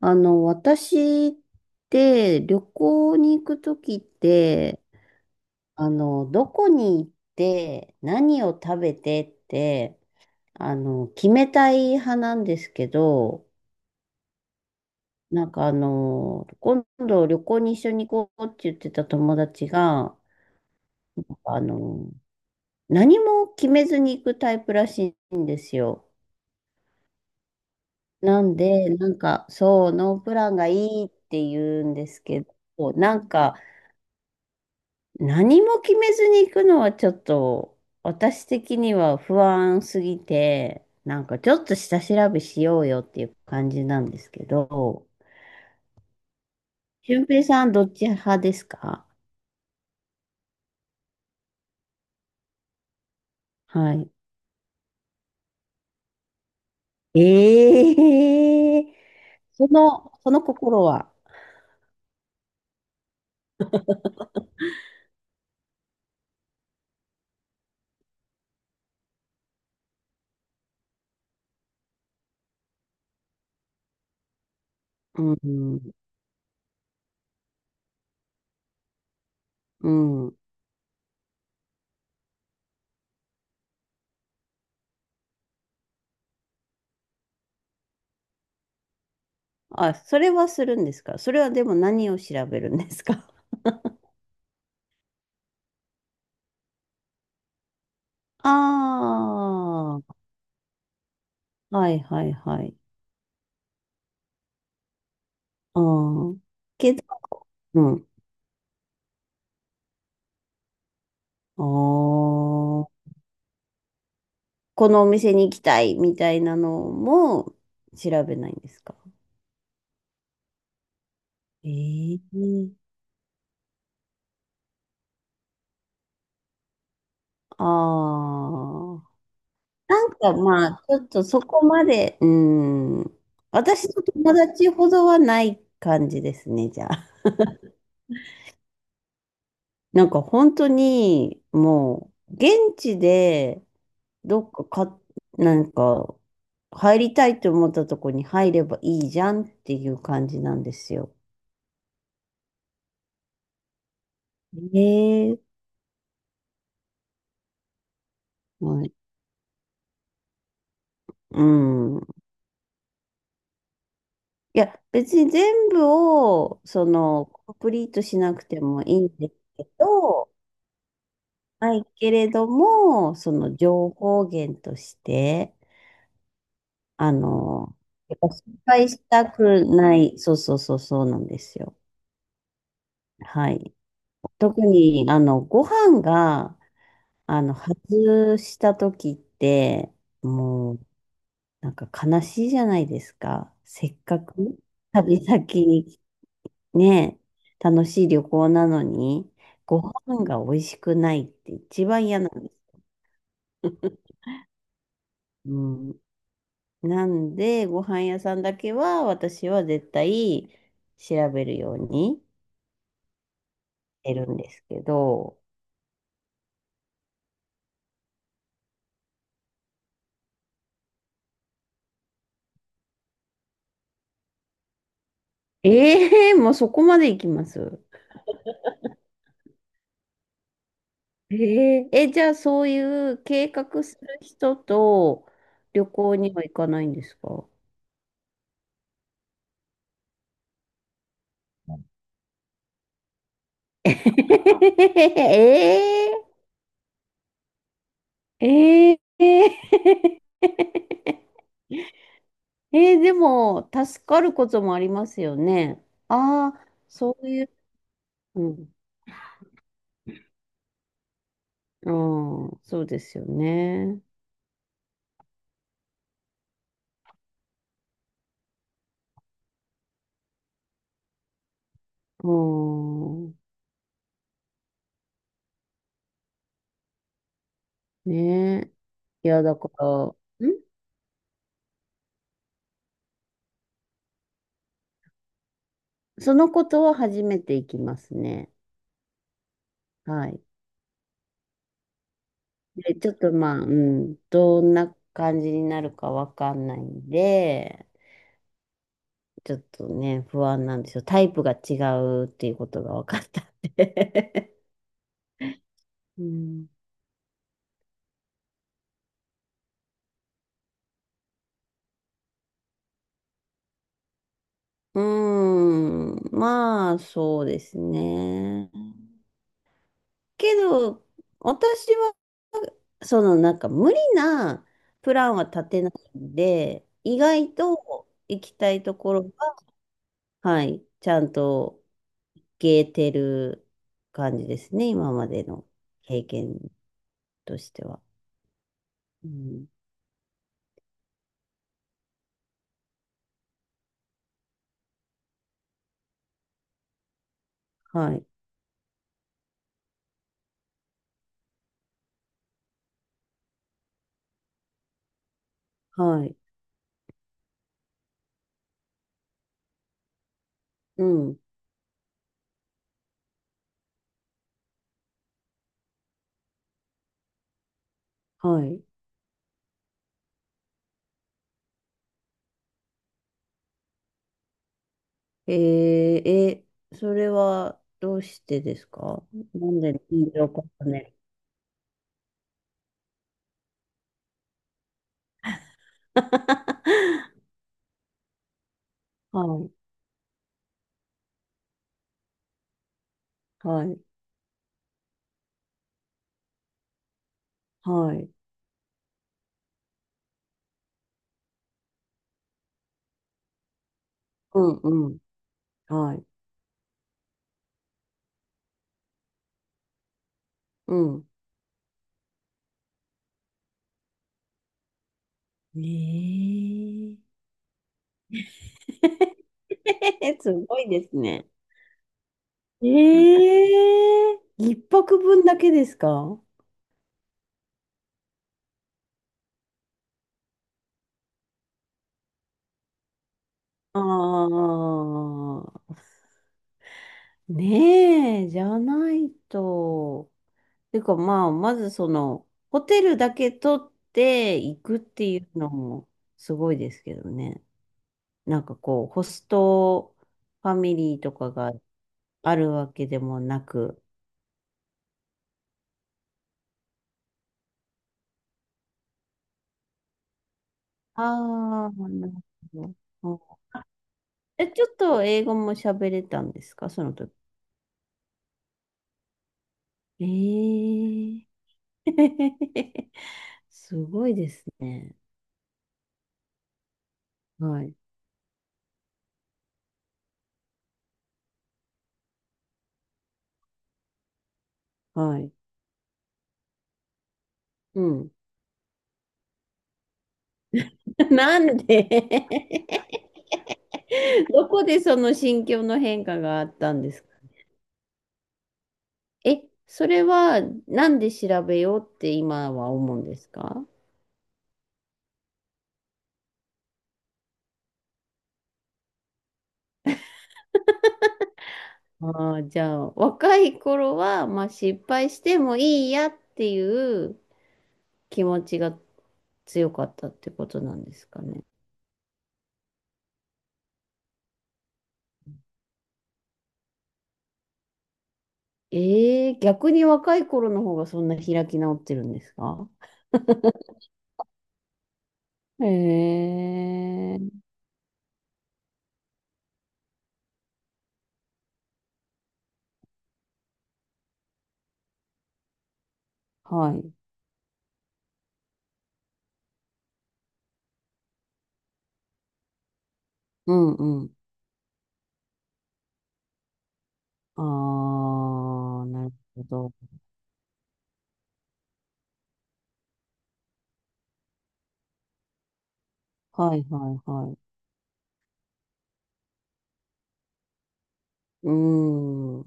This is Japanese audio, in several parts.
私って旅行に行くときって、どこに行って、何を食べてって、決めたい派なんですけど、なんか、今度旅行に一緒に行こうって言ってた友達が、あの、何も決めずに行くタイプらしいんですよ。なんで、なんか、そう、ノープランがいいって言うんですけど、なんか、何も決めずに行くのはちょっと私的には不安すぎて、なんかちょっと下調べしようよっていう感じなんですけど、俊平さんどっち派ですか？はい。ええ、その、その心は。うん、うん。あ、それはするんですか？それはでも何を調べるんですか？あ、 あー、はいはいはい。ああ、けど、うん。ああ。このお店に行きたいみたいなのも調べないんですか？ええー。ああ、なんかまあ、ちょっとそこまで、うーん。私と友達ほどはない感じですね、じゃあ。なんか本当に、もう、現地で、どっかか、なんか、入りたいと思ったとこに入ればいいじゃんっていう感じなんですよ。ええ、はい。うん。いや、別に全部を、その、コンプリートしなくてもいいんですけど、ないけれども、その情報源として、あの、やっぱ失敗したくない、そうそうそうそうなんですよ。はい。特に、ご飯が、外した時って、もう、なんか悲しいじゃないですか。せっかく旅先にねえ、楽しい旅行なのに、ご飯が美味しくないって一番嫌なんです。うん。なんで、ご飯屋さんだけは私は絶対調べるようにしてるんですけど、ええ、もうそこまで行きます。えええ、じゃあそういう計画する人と旅行には行かないんですか？ ええええ、えーでも、助かることもありますよね。ああ、そういう、うん、うん、そうですよね。うん、ねえ、いや、だから、ん、そのことは初めていきますね。はい。で、ちょっとまあ、うん、どんな感じになるかわかんないんで、ちょっとね、不安なんですよ。タイプが違うっていうことが分かったんで。うん。うーん、まあ、そうですね。けど、私は、その、なんか、無理なプランは立てないんで、意外と行きたいところが、はい、ちゃんと行けてる感じですね、今までの経験としては。うん、はい、はい、うん、はい。えー、え、それはどうしてですか？なんで緊張感をね。 はい、はい、はい。うん、うん、はい、うん。ねえー。 すごいですね。え。ええ、一泊分だけですか？ああ、ねえ、じゃないと。てかまあ、まずその、ホテルだけ取って行くっていうのもすごいですけどね。なんかこう、ホストファミリーとかがあるわけでもなく。ああ、なるほど。え、ちょっと英語も喋れたんですか、その時。ええ、 すごいですね。はい。はい。うん。なんで？ どこでその心境の変化があったんですか？え、それはなんで調べようって今は思うんですか？ああ、じゃあ、若い頃は、まあ、失敗してもいいやっていう気持ちが強かったってことなんですかね。ええ、逆に若い頃の方がそんな開き直ってるんですか？ええ、はい。うんうん。ああ、なるほど。はいはいはい。うーん。う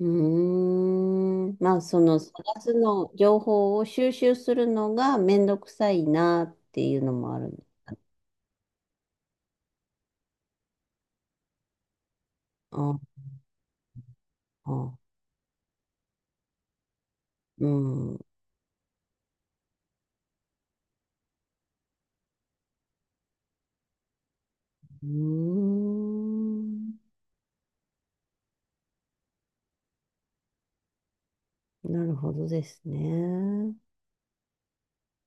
ーん。まあ、その探すの、情報を収集するのがめんどくさいなっていうのもある。ああ、うん。うーん。なるほどですね。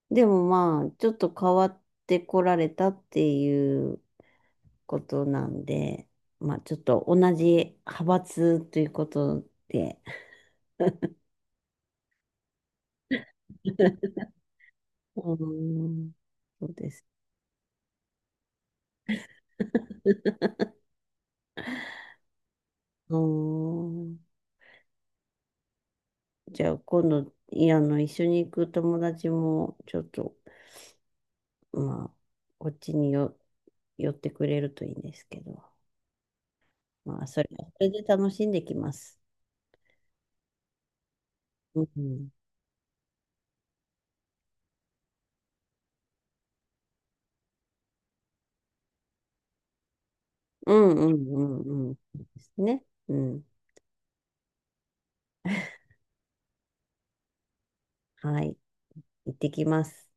でもまあ、ちょっと変わってこられたっていうことなんで、まあちょっと同じ派閥ということで。うーん。そうです。うーん。じゃあ今度、いや、あの、一緒に行く友達も、ちょっと、まあ、こっちによ、寄ってくれるといいんですけど、まあ、それ、それで楽しんできます。うん、うん、うん、うん。うんですね。うん。はい。行ってきます。